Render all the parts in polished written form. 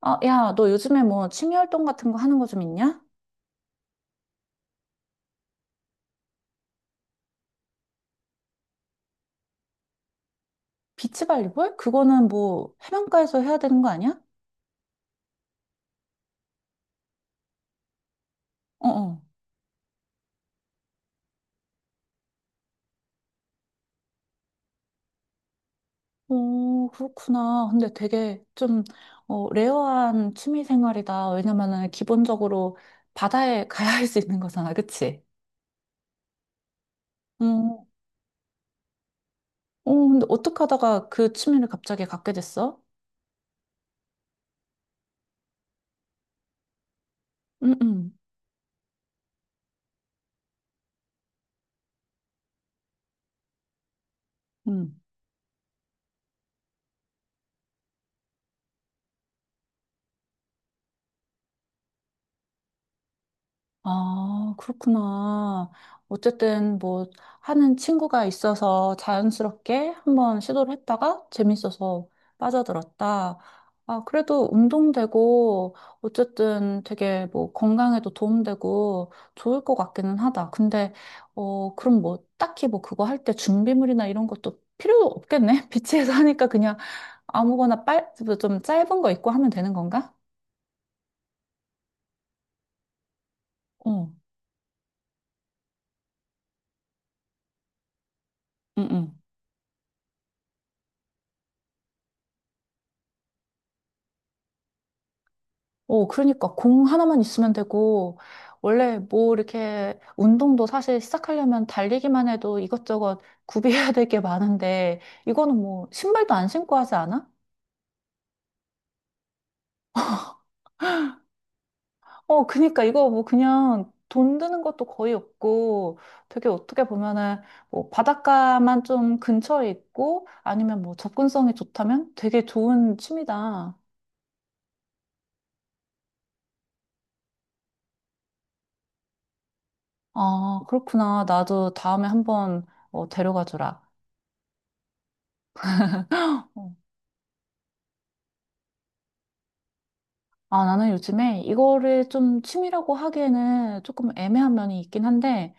아, 야, 너 요즘에 뭐 취미 활동 같은 거 하는 거 좀 있냐? 비치발리볼? 그거는 뭐 해변가에서 해야 되는 거 아니야? 어, 어. 오, 그렇구나. 근데 되게 좀, 레어한 취미 생활이다. 왜냐면은 기본적으로 바다에 가야 할 수 있는 거잖아. 그치? 응. 어, 근데 어떻게 하다가 그 취미를 갑자기 갖게 됐어? 응, 응. 아, 그렇구나. 어쨌든 뭐 하는 친구가 있어서 자연스럽게 한번 시도를 했다가 재밌어서 빠져들었다. 아, 그래도 운동되고 어쨌든 되게 뭐 건강에도 도움되고 좋을 것 같기는 하다. 근데 그럼 뭐 딱히 뭐 그거 할 때 준비물이나 이런 것도 필요 없겠네? 비치에서 하니까 그냥 아무거나 빨, 좀 짧은 거 입고 하면 되는 건가? 어, 응, 응. 어, 그러니까 공 하나만 있으면 되고, 원래 뭐 이렇게 운동도 사실 시작하려면 달리기만 해도 이것저것 구비해야 될 게 많은데, 이거는 뭐 신발도 안 신고 하지 않아? 어, 그니까 이거 뭐 그냥 돈 드는 것도 거의 없고, 되게 어떻게 보면은 뭐 바닷가만 좀 근처에 있고, 아니면 뭐 접근성이 좋다면 되게 좋은 취미다. 아, 그렇구나. 나도 다음에 한번 데려가 주라. 아, 나는 요즘에 이거를 좀 취미라고 하기에는 조금 애매한 면이 있긴 한데,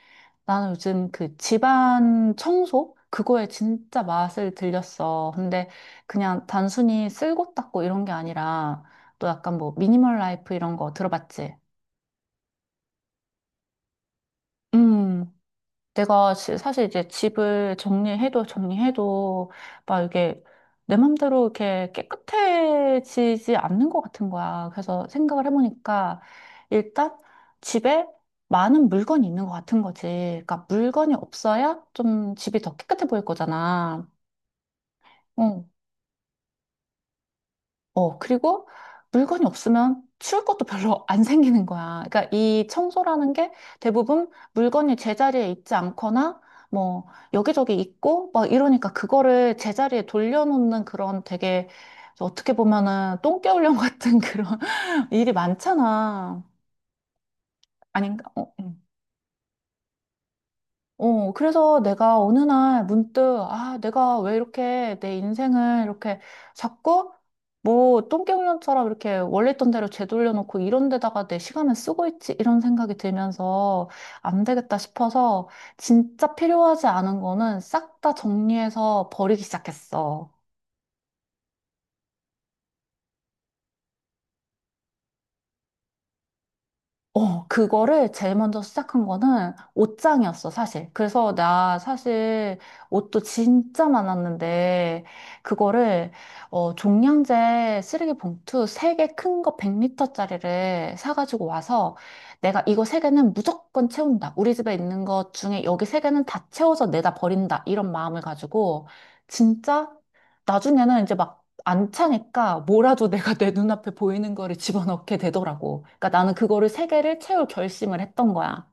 나는 요즘 그 집안 청소? 그거에 진짜 맛을 들렸어. 근데 그냥 단순히 쓸고 닦고 이런 게 아니라, 또 약간 뭐 미니멀 라이프 이런 거 들어봤지? 음. 내가 사실 이제 집을 정리해도 정리해도 막 이게 내 맘대로 이렇게 깨끗해지지 않는 것 같은 거야. 그래서 생각을 해보니까 일단 집에 많은 물건이 있는 것 같은 거지. 그러니까 물건이 없어야 좀 집이 더 깨끗해 보일 거잖아. 어. 어, 그리고 물건이 없으면 치울 것도 별로 안 생기는 거야. 그러니까 이 청소라는 게 대부분 물건이 제자리에 있지 않거나 뭐 여기저기 있고 막 이러니까 그거를 제자리에 돌려놓는 그런 되게 어떻게 보면은 똥개훈련 같은 그런 일이 많잖아. 아닌가? 어, 어, 그래서 내가 어느 날 문득, 아, 내가 왜 이렇게 내 인생을 이렇게 자꾸 뭐 똥개훈련처럼 이렇게 원래 있던 대로 되돌려놓고 이런 데다가 내 시간을 쓰고 있지? 이런 생각이 들면서 안 되겠다 싶어서 진짜 필요하지 않은 거는 싹 다 정리해서 버리기 시작했어. 어, 그거를 제일 먼저 시작한 거는 옷장이었어, 사실. 그래서 나 사실 옷도 진짜 많았는데, 그거를, 종량제 쓰레기 봉투 3개 큰 거 100리터짜리를 사가지고 와서, 내가 이거 3개는 무조건 채운다. 우리 집에 있는 것 중에 여기 3개는 다 채워서 내다 버린다. 이런 마음을 가지고, 진짜, 나중에는 이제 막 안 차니까 뭐라도 내가 내 눈앞에 보이는 거를 집어넣게 되더라고. 그러니까 나는 그거를 세 개를 채울 결심을 했던 거야.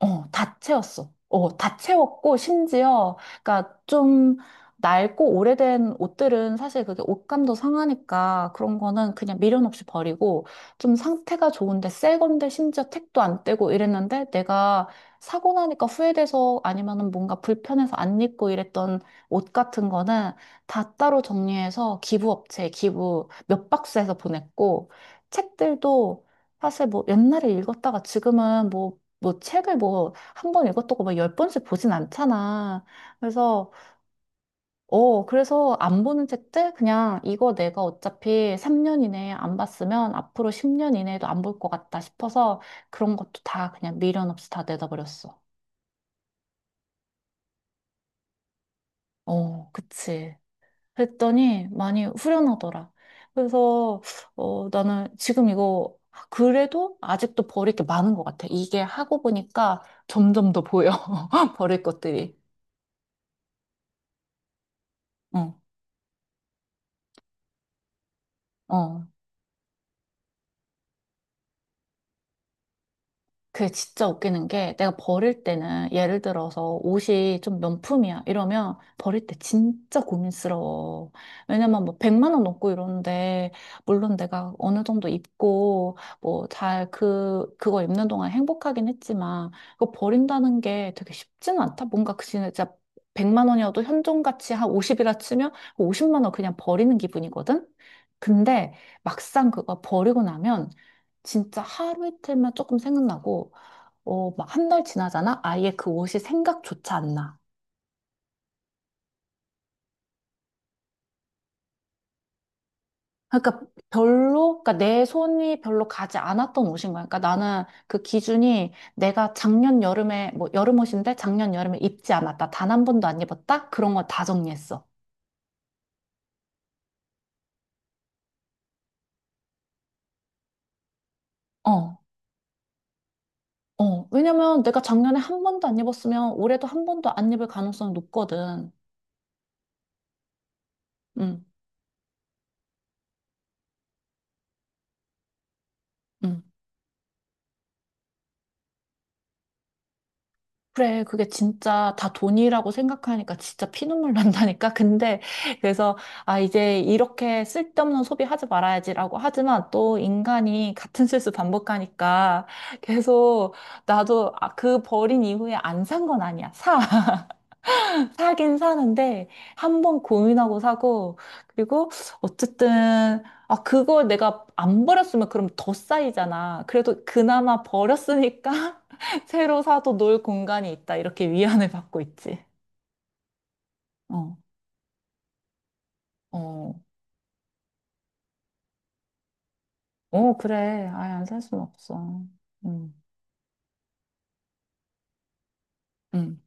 어, 다 채웠어. 어, 다 채웠고, 심지어, 그니까 좀 낡고 오래된 옷들은 사실 그게 옷감도 상하니까 그런 거는 그냥 미련 없이 버리고, 좀 상태가 좋은데 새 건데 심지어 택도 안 떼고 이랬는데 내가 사고 나니까 후회돼서 아니면은 뭔가 불편해서 안 입고 이랬던 옷 같은 거는 다 따로 정리해서 기부업체에 기부 몇 박스에서 보냈고, 책들도 사실 뭐 옛날에 읽었다가 지금은 뭐 책을 뭐 한 번 읽었다고 막열 번씩 보진 않잖아. 그래서 그래서 안 보는 책들 그냥 이거 내가 어차피 3년 이내에 안 봤으면 앞으로 10년 이내에도 안 볼 것 같다 싶어서 그런 것도 다 그냥 미련 없이 다 내다버렸어. 어 그치. 그랬더니 많이 후련하더라. 그래서 나는 지금 이거 그래도 아직도 버릴 게 많은 것 같아. 이게 하고 보니까 점점 더 보여. 버릴 것들이. 어 어. 그게 진짜 웃기는 게 내가 버릴 때는 예를 들어서 옷이 좀 명품이야 이러면 버릴 때 진짜 고민스러워. 왜냐면 뭐 100만 원 넘고 이러는데 물론 내가 어느 정도 입고 뭐 잘 그거 입는 동안 행복하긴 했지만 그거 버린다는 게 되게 쉽지는 않다. 뭔가 그 진짜 100만 원이어도 현존가치 한 50이라 치면 50만 원 그냥 버리는 기분이거든. 근데 막상 그거 버리고 나면 진짜 하루 이틀만 조금 생각나고, 막 한 달 지나잖아? 아예 그 옷이 생각조차 안 나. 그러니까 그러니까 내 손이 별로 가지 않았던 옷인 거야. 그러니까 나는 그 기준이 내가 작년 여름에, 뭐 여름 옷인데 작년 여름에 입지 않았다. 단 한 번도 안 입었다? 그런 거 다 정리했어. 어, 어. 왜냐면 내가 작년에 한 번도 안 입었으면 올해도 한 번도 안 입을 가능성이 높거든. 응, 응. 그래, 그게 진짜 다 돈이라고 생각하니까 진짜 피눈물 난다니까. 근데 그래서 아 이제 이렇게 쓸데없는 소비하지 말아야지라고 하지만 또 인간이 같은 실수 반복하니까 계속 나도 아, 그 버린 이후에 안 산 건 아니야. 사. 사긴 사는데 한번 고민하고 사고 그리고 어쨌든 아 그걸 내가 안 버렸으면 그럼 더 쌓이잖아. 그래도 그나마 버렸으니까 새로 사도 놀 공간이 있다. 이렇게 위안을 받고 있지. 어, 어, 어, 그래. 아예 안살 수는 없어. 음, 음.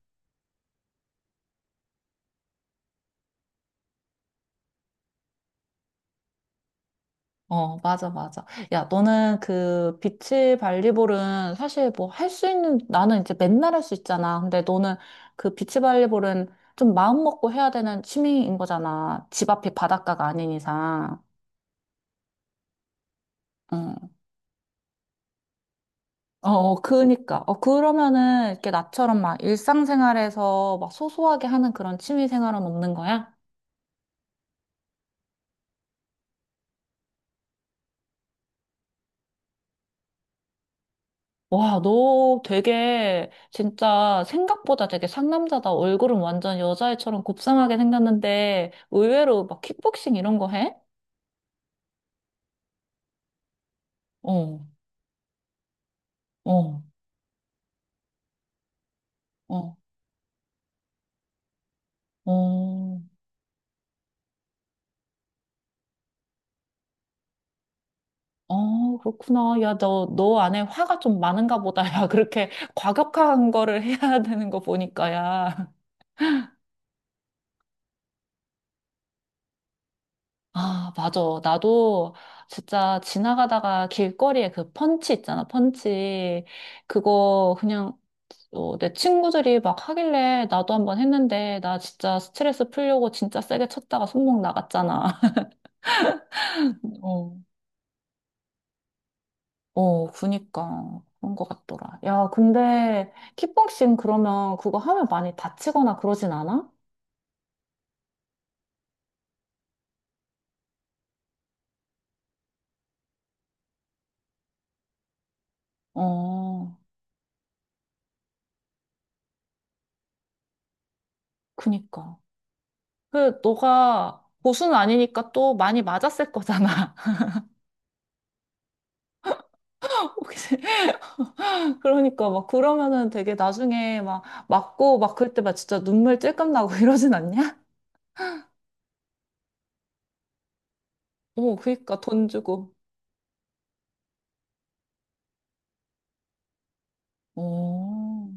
어, 맞아, 맞아. 야, 너는 그 비치 발리볼은 사실 뭐 할 수 있는, 나는 이제 맨날 할 수 있잖아. 근데 너는 그 비치 발리볼은 좀 마음 먹고 해야 되는 취미인 거잖아. 집 앞이 바닷가가 아닌 이상. 응. 어, 어, 그니까. 어, 그러면은 이렇게 나처럼 막 일상생활에서 막 소소하게 하는 그런 취미 생활은 없는 거야? 와, 너 되게 진짜 생각보다 되게 상남자다. 얼굴은 완전 여자애처럼 곱상하게 생겼는데 의외로 막 킥복싱 이런 거 해? 어, 어, 어, 어. 어, 그렇구나. 야, 너 안에 화가 좀 많은가 보다. 야, 그렇게 과격한 거를 해야 되는 거 보니까, 야. 아, 맞아. 나도 진짜 지나가다가 길거리에 그 펀치 있잖아, 펀치. 그거 그냥 내 친구들이 막 하길래 나도 한번 했는데 나 진짜 스트레스 풀려고 진짜 세게 쳤다가 손목 나갔잖아. 어. 어, 그니까. 그런 것 같더라. 야, 근데 킥복싱 그러면 그거 하면 많이 다치거나 그러진 않아? 어, 그니까. 너가 고수는 아니니까 또 많이 맞았을 거잖아. 혹시. 그러니까 막 그러면은 되게 나중에 막 맞고 막 그럴 때 막 진짜 눈물 찔끔 나고 이러진 않냐? 어, 그러니까 돈 주고. 어,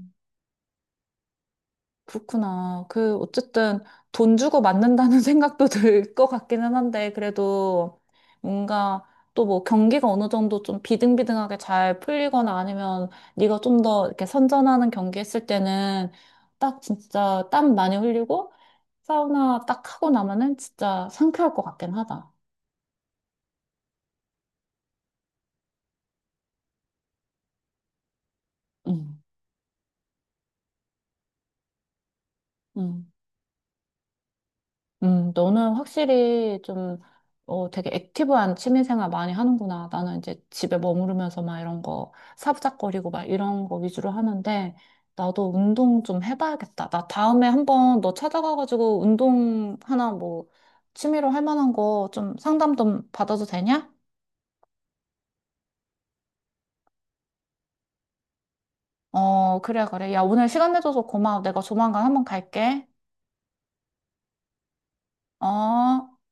그렇구나. 그 어쨌든 돈 주고 맞는다는 생각도 들 것 같기는 한데 그래도 뭔가 또 뭐 경기가 어느 정도 좀 비등비등하게 잘 풀리거나 아니면 네가 좀 더 이렇게 선전하는 경기 했을 때는 딱 진짜 땀 많이 흘리고 사우나 딱 하고 나면은 진짜 상쾌할 것 같긴 하다. 응. 음, 너는 확실히 좀, 되게 액티브한 취미생활 많이 하는구나. 나는 이제 집에 머무르면서 막 이런 거, 사부작거리고 막 이런 거 위주로 하는데, 나도 운동 좀 해봐야겠다. 나 다음에 한번 너 찾아가가지고 운동 하나 뭐, 취미로 할 만한 거 좀 상담 좀 받아도 되냐? 어, 그래, 그래. 야, 오늘 시간 내줘서 고마워. 내가 조만간 한번 갈게. 어.